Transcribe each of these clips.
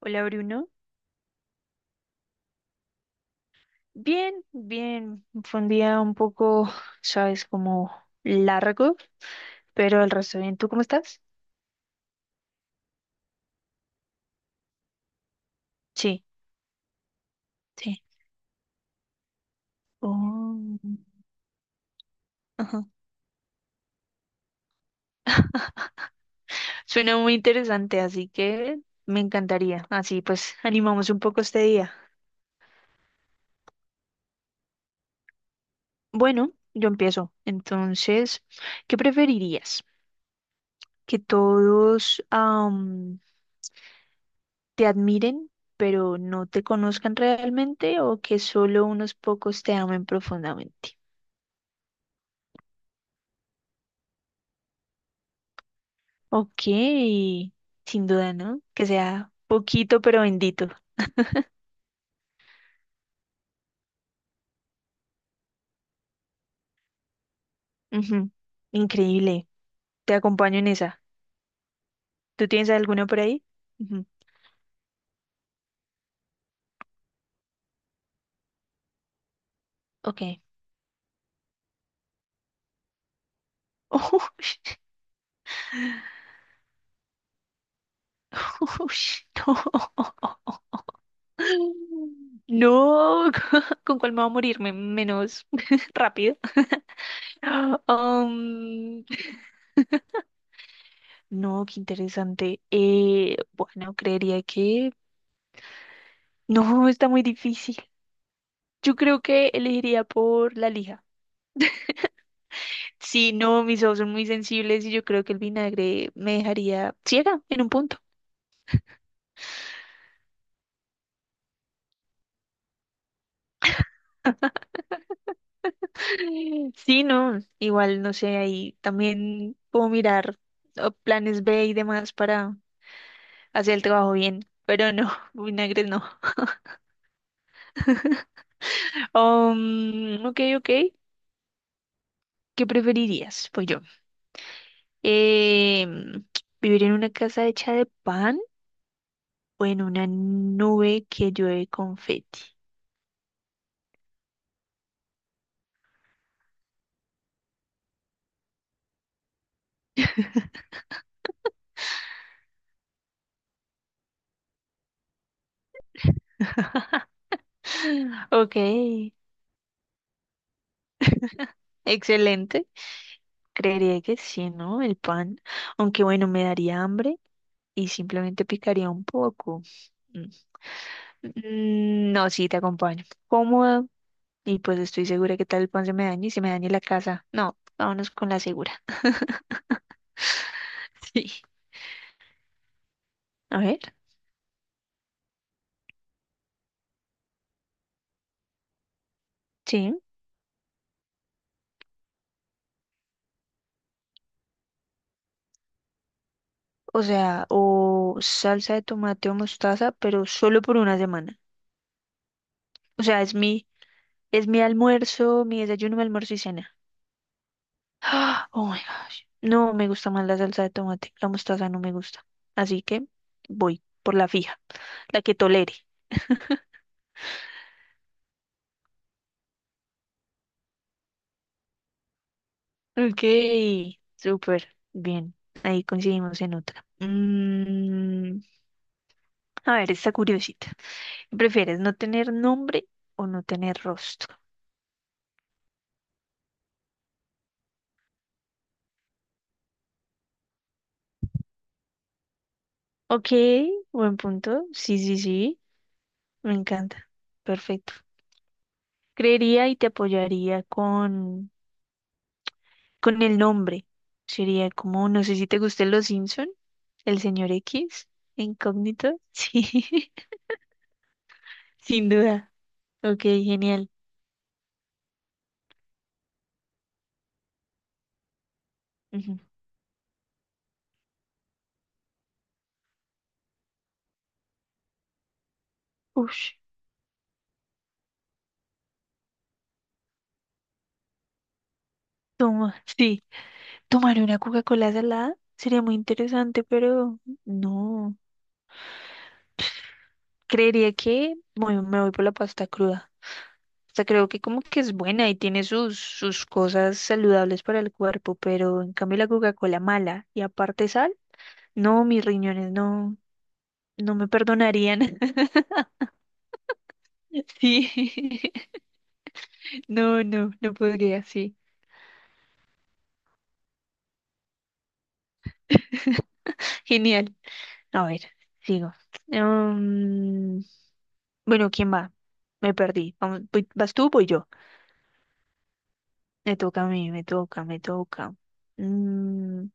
Hola Bruno. Bien, bien. Fue un día un poco, sabes, como largo, pero el resto bien. ¿Tú cómo estás? Sí, sí. Oh, ajá. Suena muy interesante, así que me encantaría. Así pues, animamos un poco este día. Bueno, yo empiezo. Entonces, ¿qué preferirías? ¿Que todos te admiren, pero no te conozcan realmente, o que solo unos pocos te amen profundamente? Ok, sin duda, ¿no? Que sea poquito pero bendito. Ujú. Increíble. Te acompaño en esa. ¿Tú tienes alguna por ahí? Ujú. Ok. Ush, no. No, ¿Con cuál me va a morirme? Menos rápido. Um, no, qué interesante. Bueno, creería que... No, está muy difícil. Yo creo que elegiría por la lija. Sí, no, mis ojos son muy sensibles y yo creo que el vinagre me dejaría ciega en un punto. Sí, no, igual no sé, ahí también puedo mirar oh, planes B y demás para hacer el trabajo bien, pero no, vinagre no. Ok, ok, ¿qué preferirías? Pues yo, em, ¿vivir en una casa hecha de pan o en una nube que llueve confeti? Ok, excelente. Creería que sí, ¿no? El pan. Aunque bueno, me daría hambre y simplemente picaría un poco. Mm. Mm, no, sí, te acompaño. Cómoda y pues estoy segura que tal el pan se me dañe y se me dañe la casa. No, vámonos con la segura. Sí. A ver, sí. O sea, o salsa de tomate o mostaza, pero solo por una semana. O sea, es mi almuerzo, mi desayuno, mi almuerzo y cena. Ah, oh my gosh. No me gusta más la salsa de tomate. La mostaza no me gusta. Así que voy por la fija, la que tolere. Ok, súper. Bien. Ahí coincidimos en otra. A ver, esta curiosita. ¿Qué ¿Prefieres no tener nombre o no tener rostro? Ok, buen punto. Sí, sí, sí. Me encanta. Perfecto. Creería y te apoyaría con el nombre. Sería como, no sé si te gusten los Simpson, el señor X, incógnito. Sí, sin duda. Ok, genial. Ujú. Ush, toma, sí, tomar una Coca-Cola salada sería muy interesante, pero no. Creería que me voy por la pasta cruda. O sea, creo que como que es buena y tiene sus cosas saludables para el cuerpo, pero en cambio la Coca-Cola mala y aparte sal, no, mis riñones no, no me perdonarían. Sí, no, no, no podría, sí. Genial. A ver, sigo. Mm, bueno, ¿quién va? Me perdí. Vamos, ¿vas tú o voy yo? Me toca a mí, me toca, me toca. Mm,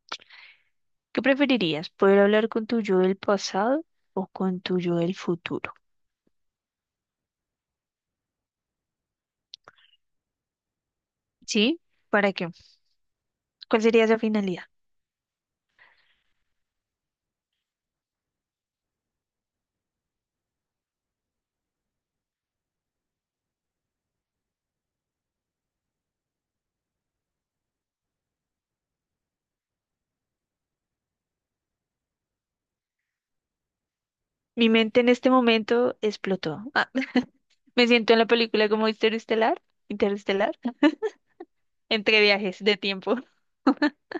¿Qué preferirías? ¿Poder hablar con tu yo del pasado o con tu yo del futuro? ¿Sí? ¿Para qué? ¿Cuál sería esa finalidad? Mi mente en este momento explotó. Ah, me siento en la película como Interestelar, Interestelar, entre viajes de tiempo.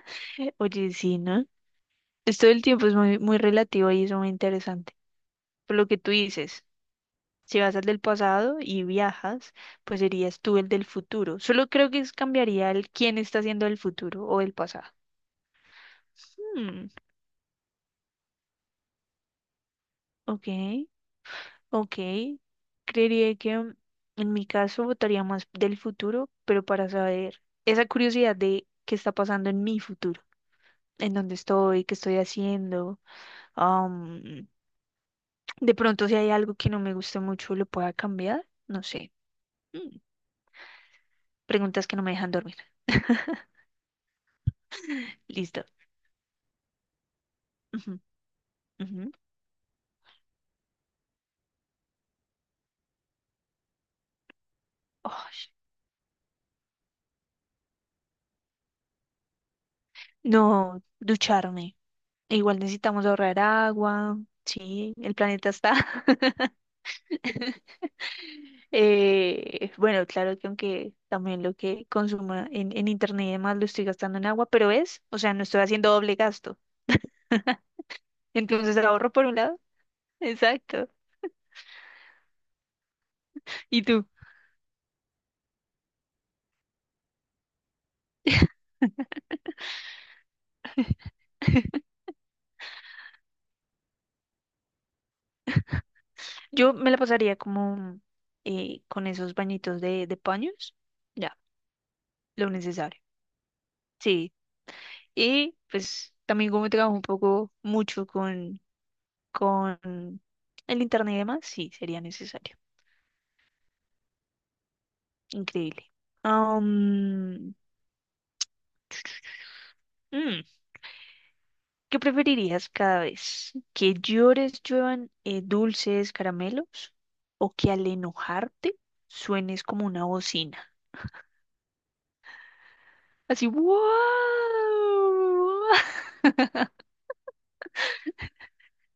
Oye, sí, ¿no? Esto del tiempo es muy, muy relativo y es muy interesante. Por lo que tú dices, si vas al del pasado y viajas, pues serías tú el del futuro. Solo creo que cambiaría el quién está haciendo el futuro o el pasado. Hmm, ok, ok. Creería que en mi caso votaría más del futuro, pero para saber esa curiosidad de qué está pasando en mi futuro, en dónde estoy, qué estoy haciendo. am, de pronto si hay algo que no me guste mucho, lo pueda cambiar. No sé. Preguntas que no me dejan dormir. Listo. Ujú, ujú. Oh, no, ducharme. E igual necesitamos ahorrar agua. Sí, el planeta está. Bueno, claro que aunque también lo que consuma en internet y demás lo estoy gastando en agua, pero es, o sea, no estoy haciendo doble gasto. Entonces ahorro por un lado. Exacto. ¿Y tú? Yo me la pasaría como con esos bañitos de paños. Ya, lo necesario. Sí, y pues también como trabajo un poco mucho con el internet y demás, sí, sería necesario. Increíble. Am, mm, ¿Qué preferirías cada vez? ¿Que llores, lluevan dulces, caramelos? ¿O que al enojarte suenes como una bocina? Así, ¡wow!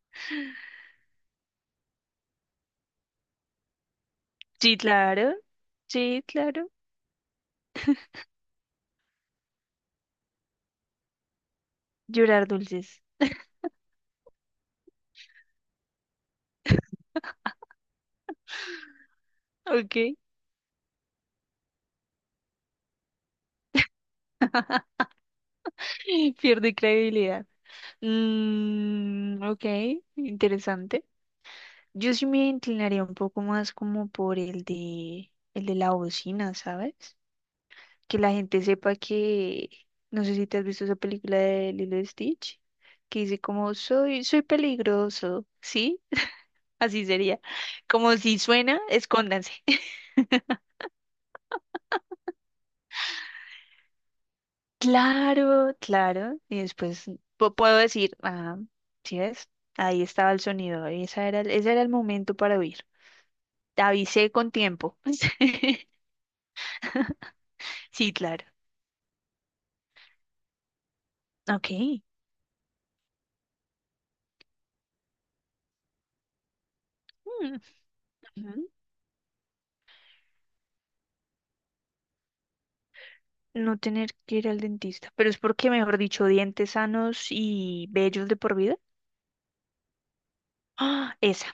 Sí, claro. Sí, claro. Llorar dulces. Ok. Pierde credibilidad. Ok, interesante. Yo sí me inclinaría un poco más como por el de la bocina, ¿sabes? Que la gente sepa que, no sé si te has visto esa película de Lilo y Stitch, que dice como soy, soy peligroso, ¿sí? Así sería. Como si suena, escóndanse. Claro, claro. Y después puedo decir, ah, ¿sí ves? Ahí estaba el sonido, ese era el momento para huir. Te avisé con tiempo. Sí, claro. Ok. Mm, ujú. No tener que ir al dentista, pero es porque, mejor dicho, dientes sanos y bellos de por vida. Ah, esa,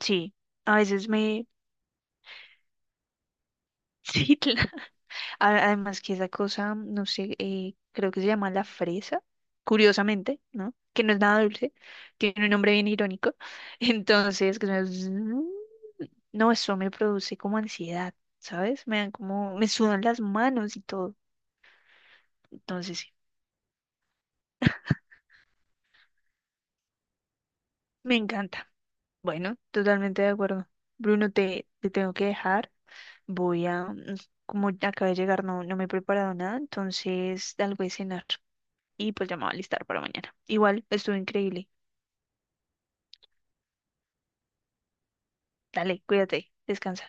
sí. A veces me... Sí, claro. Además que esa cosa, no sé, creo que se llama la fresa, curiosamente, ¿no? Que no es nada dulce, tiene un nombre bien irónico. Entonces, no, eso me produce como ansiedad, ¿sabes? Me dan como, me sudan las manos y todo. Entonces, sí, me encanta. Bueno, totalmente de acuerdo. Bruno, te tengo que dejar. Voy a, como ya acabé de llegar, no, no me he preparado nada, entonces algo de cenar. Y pues ya me voy a alistar para mañana. Igual, estuvo increíble. Dale, cuídate, descansa.